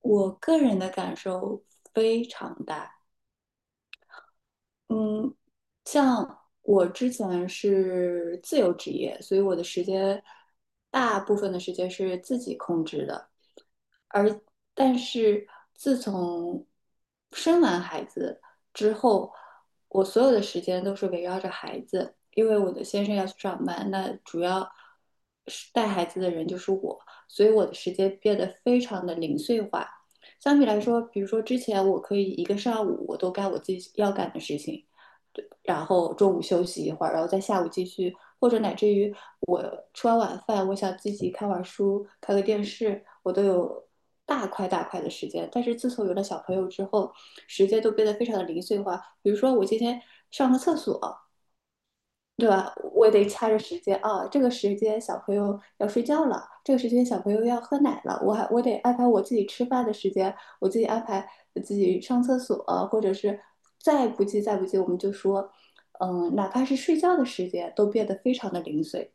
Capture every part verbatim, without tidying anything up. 我个人的感受非常大。嗯，像我之前是自由职业，所以我的时间大部分的时间是自己控制的。但是自从生完孩子之后，我所有的时间都是围绕着孩子，因为我的先生要去上班，那主要是带孩子的人就是我，所以我的时间变得非常的零碎化。相比来说，比如说之前我可以一个上午我都干我自己要干的事情，然后中午休息一会儿，然后在下午继续，或者乃至于我吃完晚饭，我想自己看会儿书、看个电视，我都有大块大块的时间。但是自从有了小朋友之后，时间都变得非常的零碎化。比如说，我今天上个厕所，对吧？我得掐着时间啊，这个时间小朋友要睡觉了，这个时间小朋友要喝奶了，我还我得安排我自己吃饭的时间，我自己安排自己上厕所，或者是再不济再不济，我们就说，嗯，哪怕是睡觉的时间都变得非常的零碎。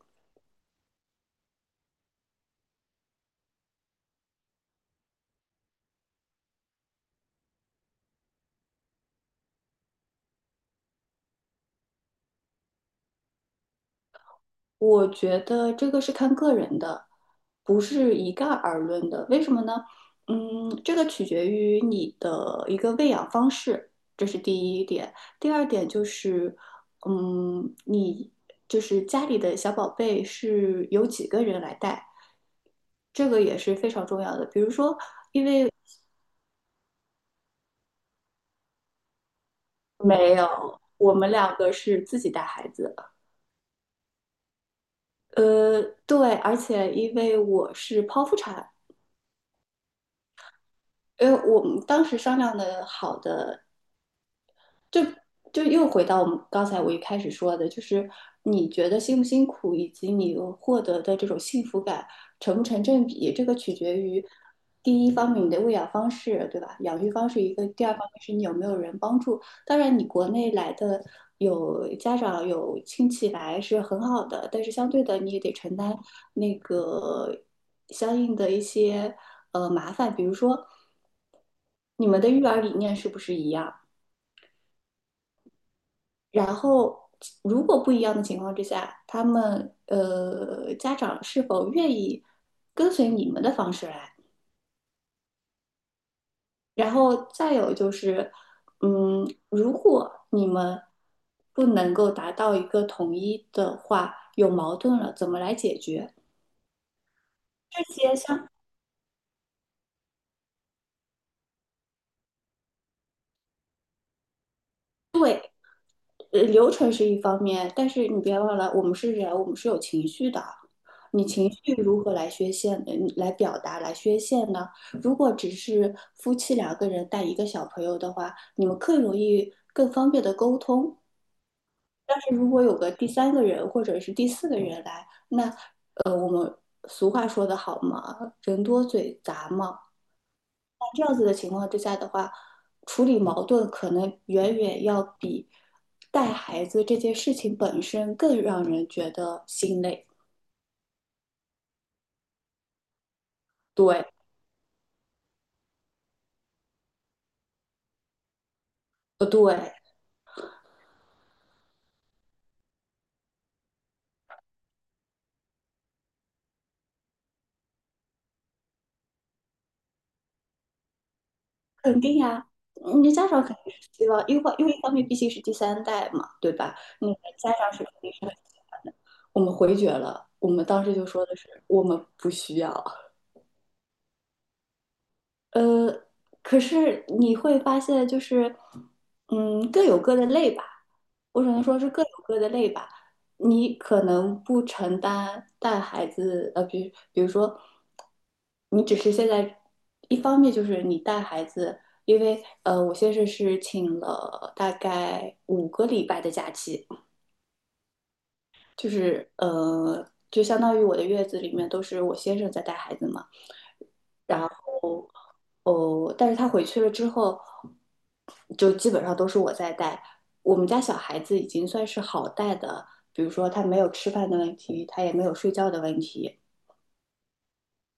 我觉得这个是看个人的，不是一概而论的。为什么呢？嗯，这个取决于你的一个喂养方式，这是第一点。第二点就是，嗯，你就是家里的小宝贝是由几个人来带，这个也是非常重要的。比如说，因为没有，我们两个是自己带孩子。呃，对，而且因为我是剖腹产，因为我们当时商量的好的，就又回到我们刚才我一开始说的，就是你觉得辛不辛苦，以及你获得的这种幸福感成不成正比，这个取决于第一方面你的喂养方式，对吧？养育方式一个，第二方面是你有没有人帮助。当然，你国内来的有家长有亲戚来是很好的，但是相对的你也得承担那个相应的一些呃麻烦。比如说你们的育儿理念是不是一样？然后，如果不一样的情况之下，他们呃家长是否愿意跟随你们的方式来？然后再有就是，嗯，如果你们不能够达到一个统一的话，有矛盾了，怎么来解决？这些相呃流程是一方面，但是你别忘了，我们是人，我们是有情绪的。你情绪如何来宣泄，嗯，来表达，来宣泄呢？如果只是夫妻两个人带一个小朋友的话，你们更容易、更方便的沟通。但是如果有个第三个人或者是第四个人来，那呃，我们俗话说得好嘛，人多嘴杂嘛。那这样子的情况之下的话，处理矛盾可能远远要比带孩子这件事情本身更让人觉得心累。对，不对，肯定呀、嗯你家长肯定是希望，因为因为一方面毕竟是第三代嘛，对吧？你家长是肯定是很喜欢的。我们回绝了，我们当时就说的是我们不需要。呃，可是你会发现，就是，嗯，各有各的累吧。我只能说是各有各的累吧。你可能不承担带孩子，呃，比比如说，你只是现在一方面就是你带孩子，因为呃，我先生是请了大概五个礼拜的假期，就是呃，就相当于我的月子里面都是我先生在带孩子嘛。哦，但是他回去了之后，就基本上都是我在带。我们家小孩子已经算是好带的，比如说他没有吃饭的问题，他也没有睡觉的问题。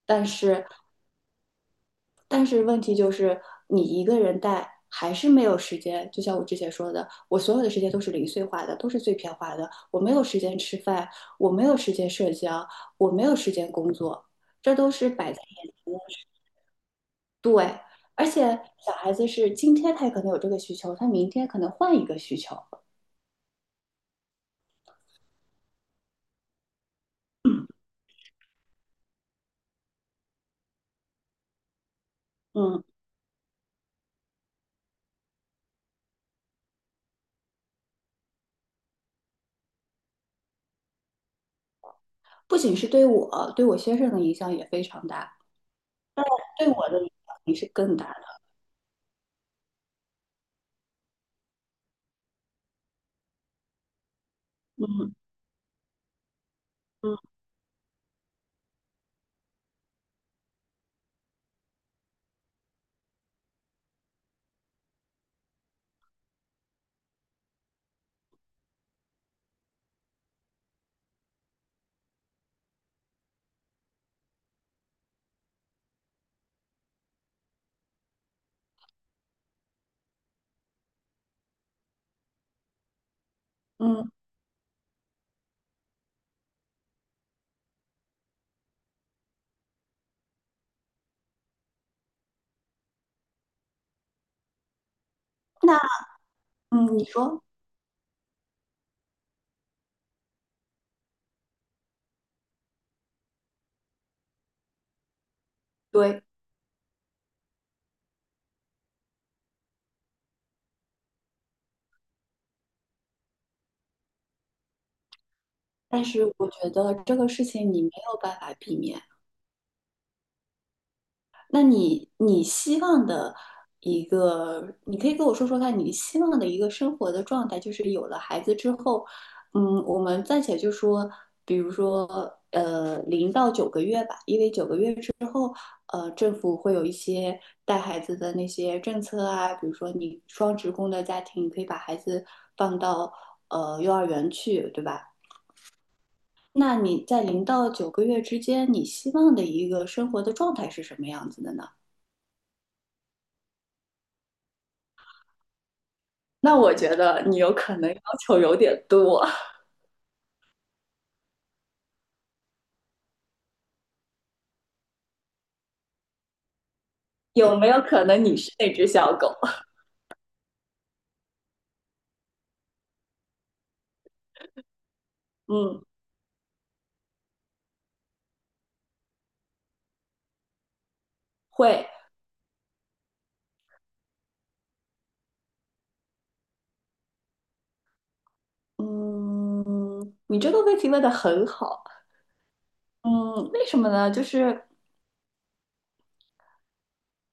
但是，但是问题就是你一个人带还是没有时间。就像我之前说的，我所有的时间都是零碎化的，都是碎片化的。我没有时间吃饭，我没有时间社交，我没有时间工作，这都是摆在。对，而且小孩子是今天他也可能有这个需求，他明天可能换一个需求。嗯，不仅是对我，对我先生的影响也非常大，对我的影响也是更大的。嗯嗯嗯，那嗯，你说。对，但是我觉得这个事情你没有办法避免。那你你希望的一个，你可以跟我说说看，你希望的一个生活的状态，就是有了孩子之后，嗯，我们暂且就说。呃零到九个月吧，因为九个月之后，呃，政府会有一些带孩子的那些政策啊，比如说你双职工的家庭可以把孩子放到呃幼儿园去，对吧？那你在零到九个月之间，你希望的一个生活的状态是什么样子的呢？那我觉得你有可能要求有点多，有没有可能你是那只小狗？嗯，会。嗯，你这个问题问得很好。嗯，为什么呢？就是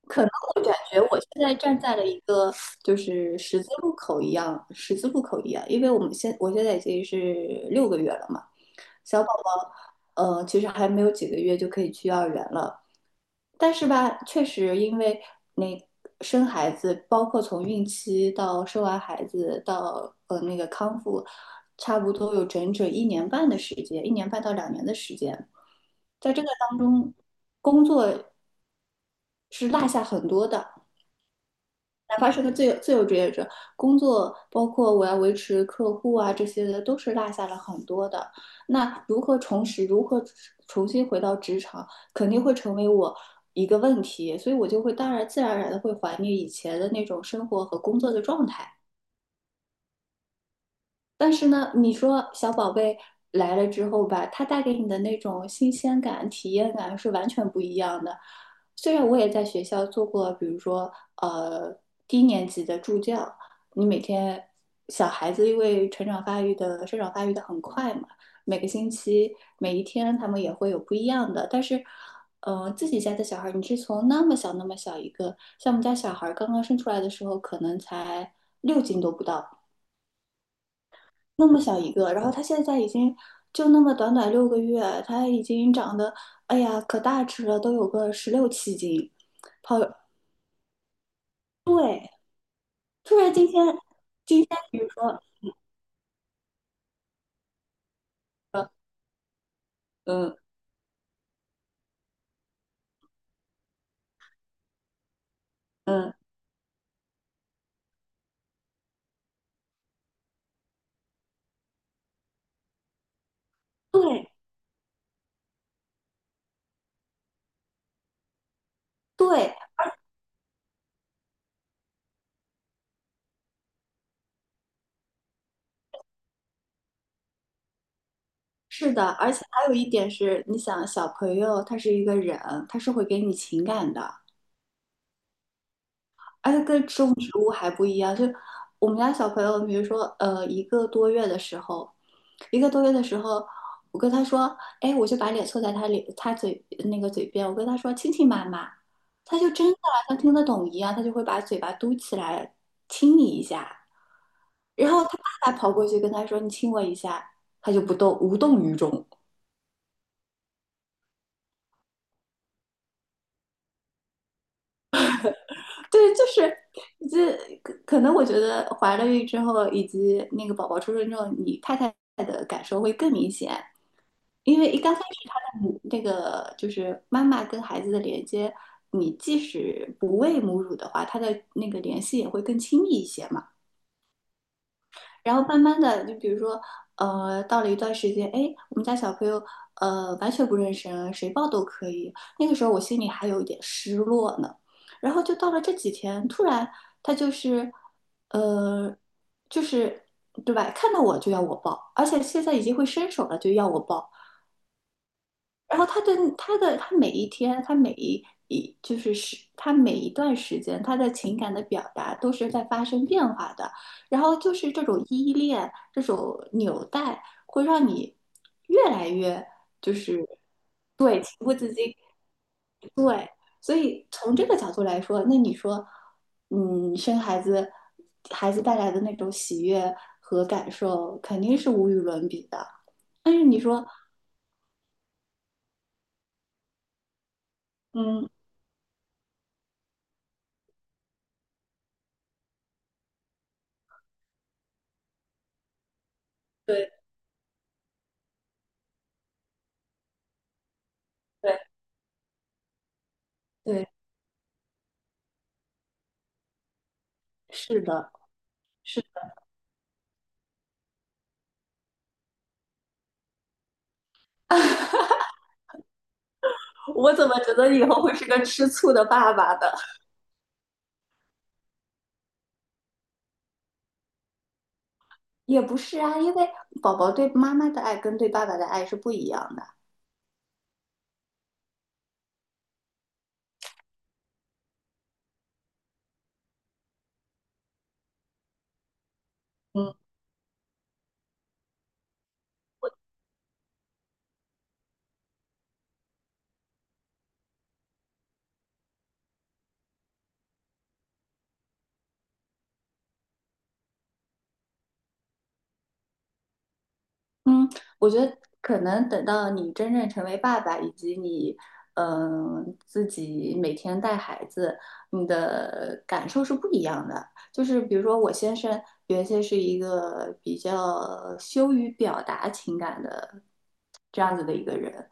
可能我感觉我现在站在了一个就是十字路口一样，十字路口一样，因为我们现我现在已经是六个月了嘛。小宝宝，呃，其实还没有几个月就可以去幼儿园了。但是吧，确实因为那生孩子，包括从孕期到生完孩子到呃那个康复，差不多有整整一年半的时间，一年半到两年的时间，在这个当中，工作是落下很多的。哪怕是个自由自由职业者，工作包括我要维持客户啊这些的，都是落下了很多的。那如何重拾，如何重新回到职场，肯定会成为我一个问题。所以我就会当然自然而然的会怀念以前的那种生活和工作的状态。但是呢，你说小宝贝来了之后吧，他带给你的那种新鲜感、体验感是完全不一样的。虽然我也在学校做过，比如说呃低年级的助教，你每天小孩子因为成长发育的生长发育的很快嘛，每个星期每一天他们也会有不一样的，但是。呃，自己家的小孩儿，你是从那么小那么小一个，像我们家小孩儿刚刚生出来的时候，可能才六斤都不到，那么小一个，然后他现在已经就那么短短六个月，他已经长得，哎呀，可大只了，都有个十六七斤。好，对，突然今天，今天比如说，呃嗯嗯，对对，是的，而且还有一点是，你想小朋友他是一个人，他是会给你情感的。而且跟种植物还不一样，就我们家小朋友，比如说呃一个多月的时候，一个多月的时候，我跟他说，哎，我就把脸凑在他脸他嘴那个嘴边，我跟他说亲亲妈妈，他就真的像听得懂一样，他就会把嘴巴嘟起来亲你一下。然后他爸爸跑过去跟他说你亲我一下，他就不动，无动于衷。对，就是这可可能我觉得怀了孕之后，以及那个宝宝出生之后，你太太的感受会更明显。因为一刚开始她的母那个就是妈妈跟孩子的连接，你即使不喂母乳的话，她的那个联系也会更亲密一些嘛。然后慢慢的，就比如说，呃，到了一段时间，哎，我们家小朋友，呃，完全不认识人，谁抱都可以。那个时候我心里还有一点失落呢。然后就到了这几天，突然他就是，呃，就是，对吧？看到我就要我抱，而且现在已经会伸手了，就要我抱。然后他的他的他每一天，他每一一就是是他每一段时间，他的情感的表达都是在发生变化的。然后就是这种依恋，这种纽带，会让你越来越。就是。对对。所以从这个角度来说，那你说，嗯，生孩子，孩子带来的那种喜悦和感受，肯定是无与伦比的。但是你说，嗯，对对对，是的。是，我怎么觉得以后会是个吃醋的爸爸的？也不是啊，因为宝宝对妈妈的爱跟对爸爸的爱是不一样的。嗯。嗯，我觉得可能等到你真正成为爸爸，以及你，嗯、自己每天带孩子，你的感受是不一样的。就是比如说，我先生原先是一个比较羞于表达情感的这样子的一个人，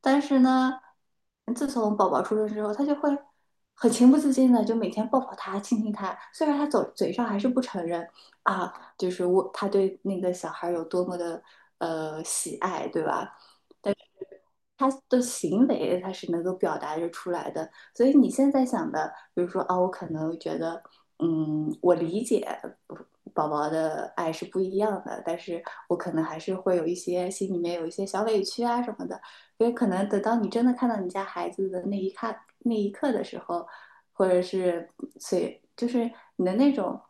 但是呢，自从宝宝出生之后，他就会很情不自禁的就每天抱抱他、亲亲他，虽然他嘴嘴上还是不承认。啊，就是我他对那个小孩有多么的呃喜爱，对吧？他的行为他是能够表达着出来的。所以你现在想的，比如说啊，我可能觉得，嗯，我理解宝宝的爱是不一样的，但是我可能还是会有一些心里面有一些小委屈啊什么的。因为可能等到你真的看到你家孩子的那一刻那一刻的时候，或者是随就是你的那种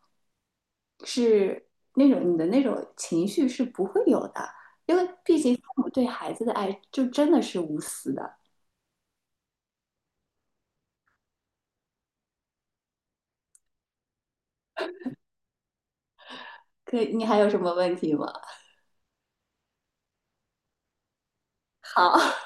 是那种你的那种情绪是不会有的。因为毕竟父母对孩子的爱就真的是无私的。可你还有什么问题吗？好，